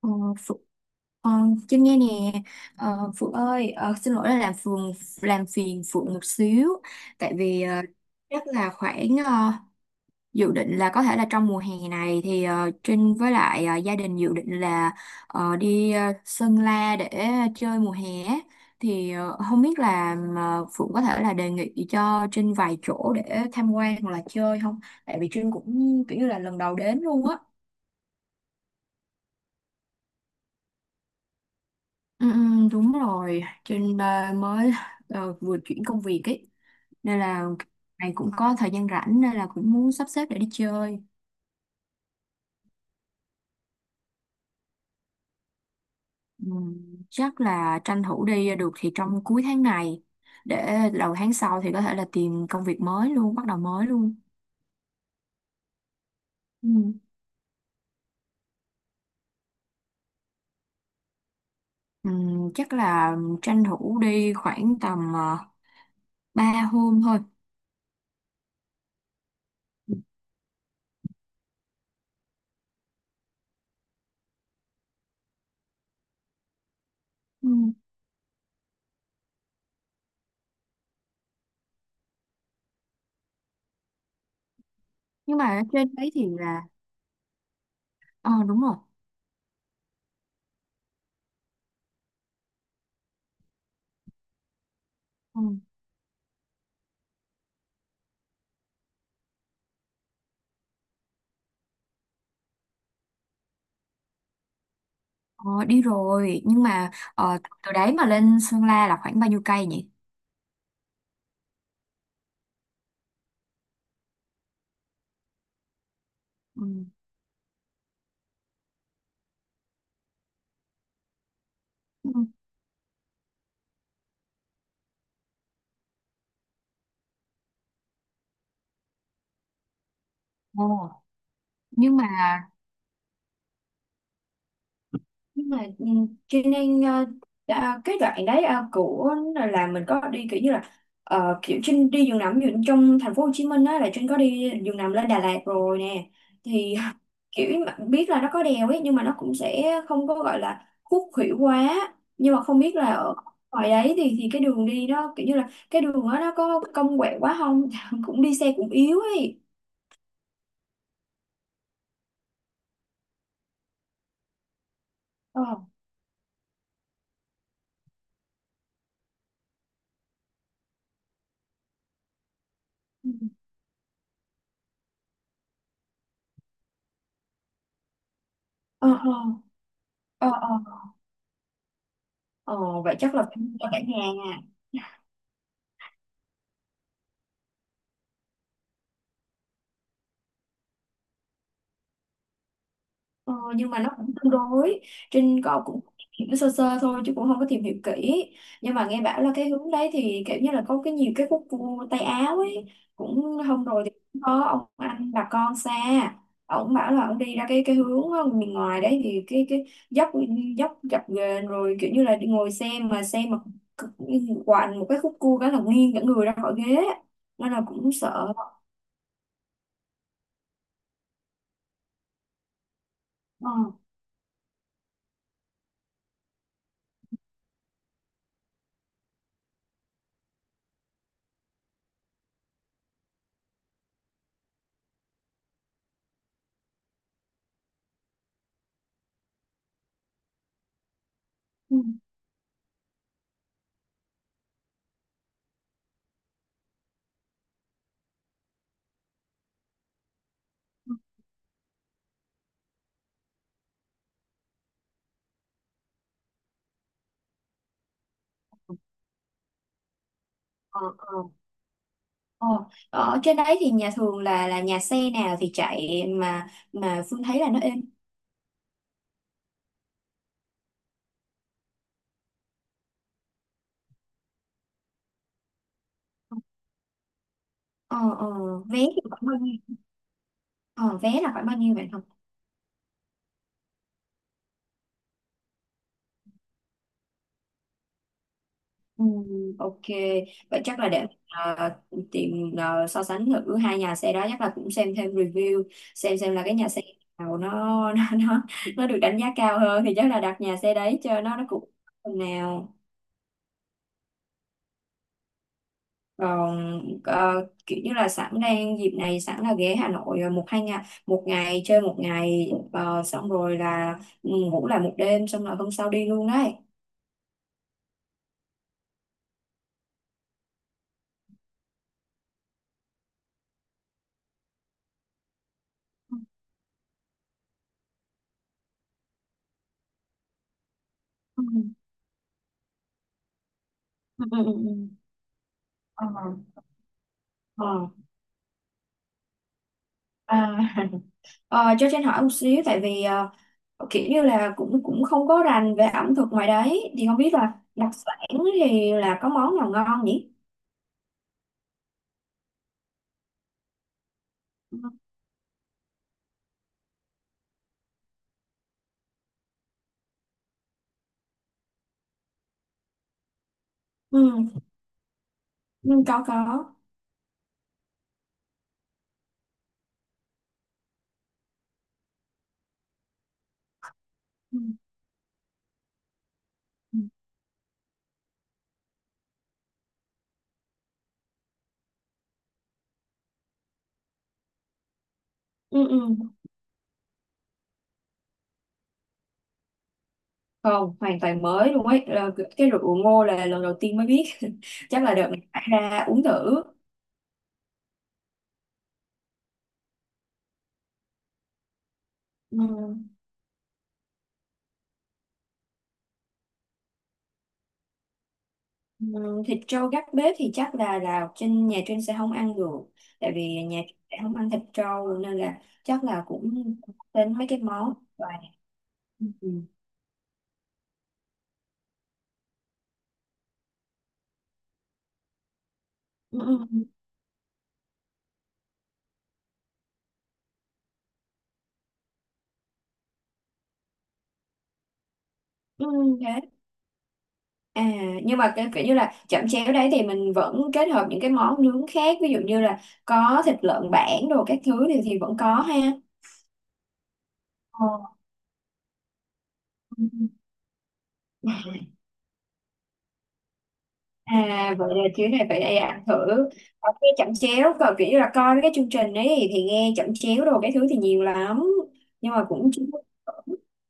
Ờ, Phượng, ờ, Trinh nghe nè. Ờ, Phượng ơi, xin lỗi là làm phiền Phượng một xíu. Tại vì chắc là khoảng dự định là có thể là trong mùa hè này thì Trinh với lại gia đình dự định là đi Sơn La để chơi mùa hè á. Thì không biết là Phượng có thể là đề nghị cho Trinh vài chỗ để tham quan hoặc là chơi không, tại vì Trinh cũng kiểu như là lần đầu đến luôn á. Ừ, ừ, đúng rồi, trên mới vừa chuyển công việc ấy, nên là này cũng có thời gian rảnh nên là cũng muốn sắp xếp để đi chơi. Ừ, chắc là tranh thủ đi được thì trong cuối tháng này, để đầu tháng sau thì có thể là tìm công việc mới luôn, bắt đầu mới luôn. Ừ. Ừ, chắc là tranh thủ đi khoảng tầm 3 hôm thôi. Ừ. Nhưng mà ở trên đấy thì là, ờ đúng rồi. Ừ. Ờ, đi rồi nhưng mà từ đấy mà lên Sơn La là khoảng bao nhiêu cây nhỉ? Ừ. Ừ. Ồ. Nhưng mà nhưng mà ừ, cho nên cái đoạn đấy của là mình có đi kiểu như là kiểu Trinh đi giường nằm, ví dụ trong thành phố Hồ Chí Minh á, là Trinh có đi giường nằm lên Đà Lạt rồi nè, thì kiểu mà biết là nó có đèo ấy, nhưng mà nó cũng sẽ không có gọi là khúc khuỷu quá, nhưng mà không biết là ở ngoài đấy thì cái đường đi nó kiểu như là cái đường đó nó có cong quẹo quá không, cũng đi xe cũng yếu ấy. Ờ Ừ. ờ ờ Ờ, vậy chắc là phải mua cả nhà à. Ờ, nhưng mà nó cũng tương đối. Trinh có cũng hiểu sơ sơ thôi chứ cũng không có tìm hiểu kỹ, nhưng mà nghe bảo là cái hướng đấy thì kiểu như là có nhiều cái khúc cua Tây Áo ấy. Cũng hôm rồi thì cũng có ông anh bà con xa, ông bảo là ông đi ra cái hướng miền ngoài đấy thì cái dốc, dập ghềnh, rồi kiểu như là đi ngồi xe mà quằn một cái khúc cua cái là nghiêng cả người ra khỏi ghế, nên là cũng sợ. Ờ. Ừ. Ờ, ờ. Ờ, ờ, ở trên đấy thì nhà thường là nhà xe nào thì chạy mà Phương thấy là nó êm. Ờ, ờ, vé thì khoảng bao nhiêu? Ờ, vé là khoảng bao nhiêu vậy không? Ừ, ok, vậy chắc là để tìm so sánh thử hai nhà xe đó, chắc là cũng xem thêm review, xem là cái nhà xe nào nó nó nó, nó được đánh giá cao hơn thì chắc là đặt nhà xe đấy cho nó cũng phần nào. Còn kiểu như là sẵn đang dịp này sẵn là ghé Hà Nội một hai ngày, một ngày chơi, một ngày xong rồi là ừ, ngủ lại một đêm xong rồi hôm sau đi luôn đấy. Ừ. Ừ. Ừ. ừ, ừ. Ờ, ờ. à, cho Trinh hỏi một xíu, tại vì kiểu như là cũng cũng không có rành về ẩm thực ngoài đấy, thì không biết là đặc sản thì là có món nào ngon nhỉ? Ừ. ừ, ừ có có. Ừ. Ừ. ừ, ừ. Không, hoàn toàn mới luôn ấy. Ờ, cái rượu ngô là lần đầu tiên mới biết. Chắc là đợt này phải ra uống thử. Ừm, Thịt trâu gác bếp thì chắc là trên nhà Trinh sẽ không ăn được. Tại vì nhà Trinh sẽ không ăn thịt trâu nên là chắc là cũng đến mấy cái món. Rồi. Ừm, ừm, ừm, thế. À, nhưng mà cái kiểu như là chẩm chéo đấy thì mình vẫn kết hợp những cái món nướng khác, ví dụ như là có thịt lợn bản đồ các thứ thì vẫn có ha. Ờ. À vậy là chuyến này phải đi ăn thử. Ở nghe chẩm chéo còn kiểu như là coi mấy cái chương trình ấy thì nghe chẩm chéo đồ cái thứ thì nhiều lắm, nhưng mà cũng chưa.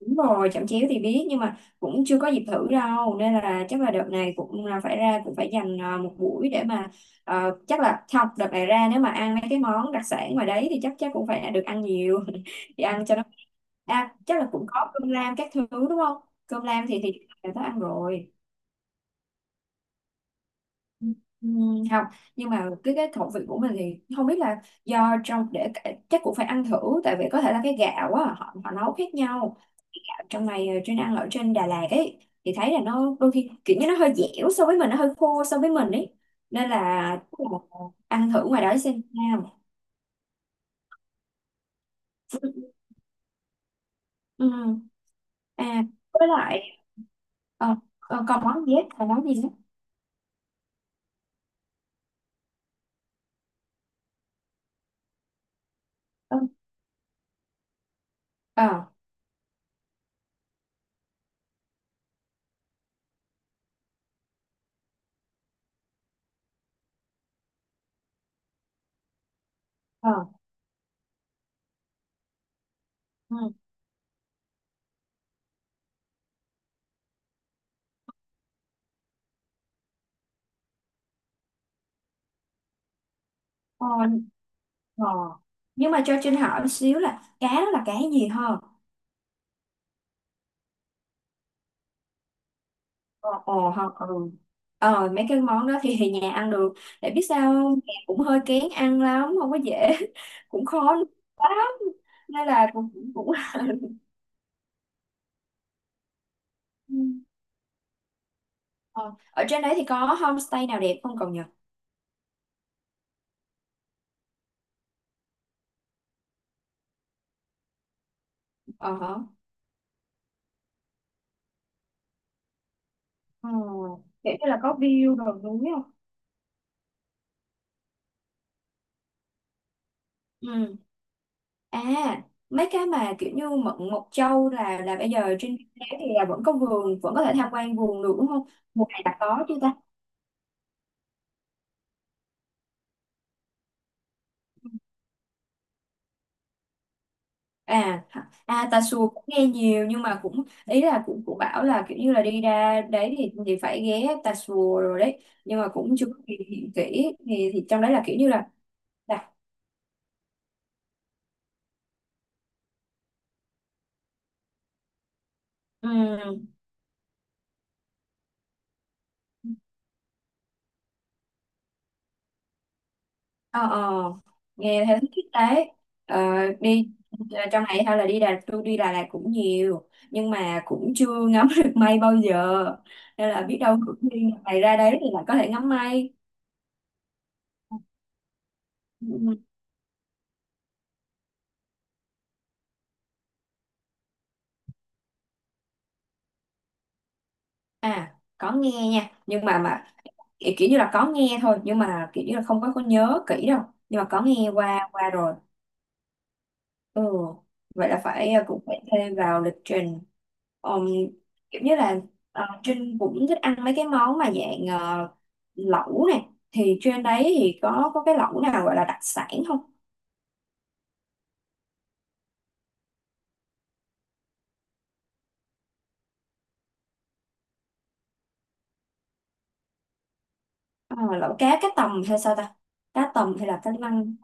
Đúng rồi, chẩm chéo thì biết nhưng mà cũng chưa có dịp thử đâu, nên là chắc là đợt này cũng là phải ra, cũng phải dành à, một buổi để mà chắc là không, đợt này ra nếu mà ăn mấy cái món đặc sản ngoài đấy thì chắc chắc cũng phải được ăn nhiều thì ăn cho nó à, chắc là cũng có cơm lam các thứ đúng không. Cơm lam thì đã có ăn rồi. Ừ, không, nhưng mà cái khẩu vị của mình thì không biết là do trong để chắc cũng phải ăn thử, tại vì có thể là cái gạo á họ họ nấu khác nhau, trong này trên ăn ở trên Đà Lạt ấy thì thấy là nó đôi khi kiểu như nó hơi dẻo so với mình, nó hơi khô so với mình ấy, nên là ăn thử ngoài đó xem sao. Ừ. à với lại còn món dép là món gì nữa. Ừ. ờ ờ ừ. ờ, ờ. Nhưng mà cho Trinh hỏi một xíu là cá đó là cá gì hả? Ồ, ồ không ừ. Ờ mấy cái món đó thì, nhà ăn được. Để biết sao không? Nhà cũng hơi kén ăn lắm, không có dễ. Cũng khó nuôi lắm. Nên là cũng... Ừ. Ờ, ở trên đấy thì có homestay nào đẹp không cậu nhỉ? Ờ hả. Ờ, kiểu như là có view đồi núi không? Ừ. À mấy cái mà kiểu như Mận Mộc Châu là bây giờ trên đấy thì là vẫn có vườn, vẫn có thể tham quan vườn được đúng không? Mùa này là có chứ ta? À hả? À Tà Xùa cũng nghe nhiều, nhưng mà cũng ý là cũng cũng bảo là kiểu như là đi ra đấy thì phải ghé Tà Xùa rồi đấy, nhưng mà cũng chưa có tìm hiểu kỹ, thì trong đấy là kiểu như là ừm, ờ nghe thấy thích đấy. Ờ, đi à, trong này hay là đi Đà tôi đi Đà Lạt cũng nhiều nhưng mà cũng chưa ngắm được mây bao giờ, nên là biết đâu cũng đi ngày ra đấy thì lại có thể ngắm mây. Ừ. À có nghe nha, nhưng mà kiểu, kiểu như là có nghe thôi, nhưng mà kiểu như là không có nhớ kỹ đâu, nhưng mà có nghe qua qua rồi. Ừ vậy là phải à, cũng phải thêm vào lịch trình. Ừm, kiểu như là Trinh cũng thích ăn mấy cái món mà dạng lẩu nè, thì trên đấy thì có cái lẩu nào gọi là đặc sản không? Ờ, lẩu cá, cá tầm hay sao ta, cá tầm hay là cá lăng.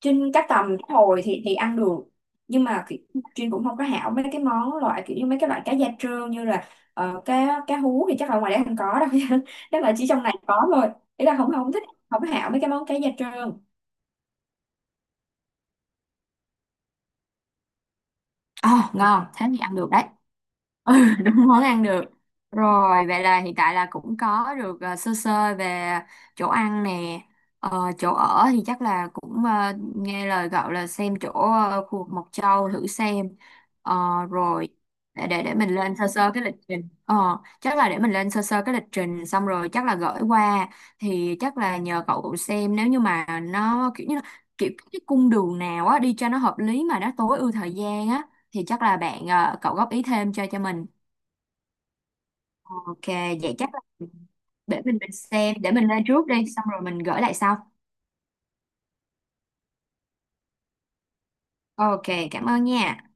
Trinh các tầm cá hồi thì ăn được, nhưng mà kiểu, Trinh cũng không có hảo mấy cái món loại kiểu như mấy cái loại cá da trơn như là cá cá hú thì chắc là ngoài đấy không có đâu, chắc là chỉ trong này có thôi, ý là không không thích, không có hảo mấy cái món cá da trơn. Ờ ngon, thế thì ăn được đấy. Ừ đúng món ăn được. Rồi vậy là hiện tại là cũng có được sơ sơ về chỗ ăn nè. Ờ, chỗ ở thì chắc là cũng nghe lời cậu là xem chỗ khu vực Mộc Châu thử xem. Ờ, rồi để mình lên sơ sơ cái lịch trình. Ờ, chắc là để mình lên sơ sơ cái lịch trình xong rồi chắc là gửi qua, thì chắc là nhờ cậu xem nếu như mà nó kiểu như là kiểu cái cung đường nào á đi cho nó hợp lý mà nó tối ưu thời gian á, thì chắc là cậu góp ý thêm cho mình. Ok vậy chắc là để mình xem để mình lên trước đi xong rồi mình gửi lại sau. Ok cảm ơn nha.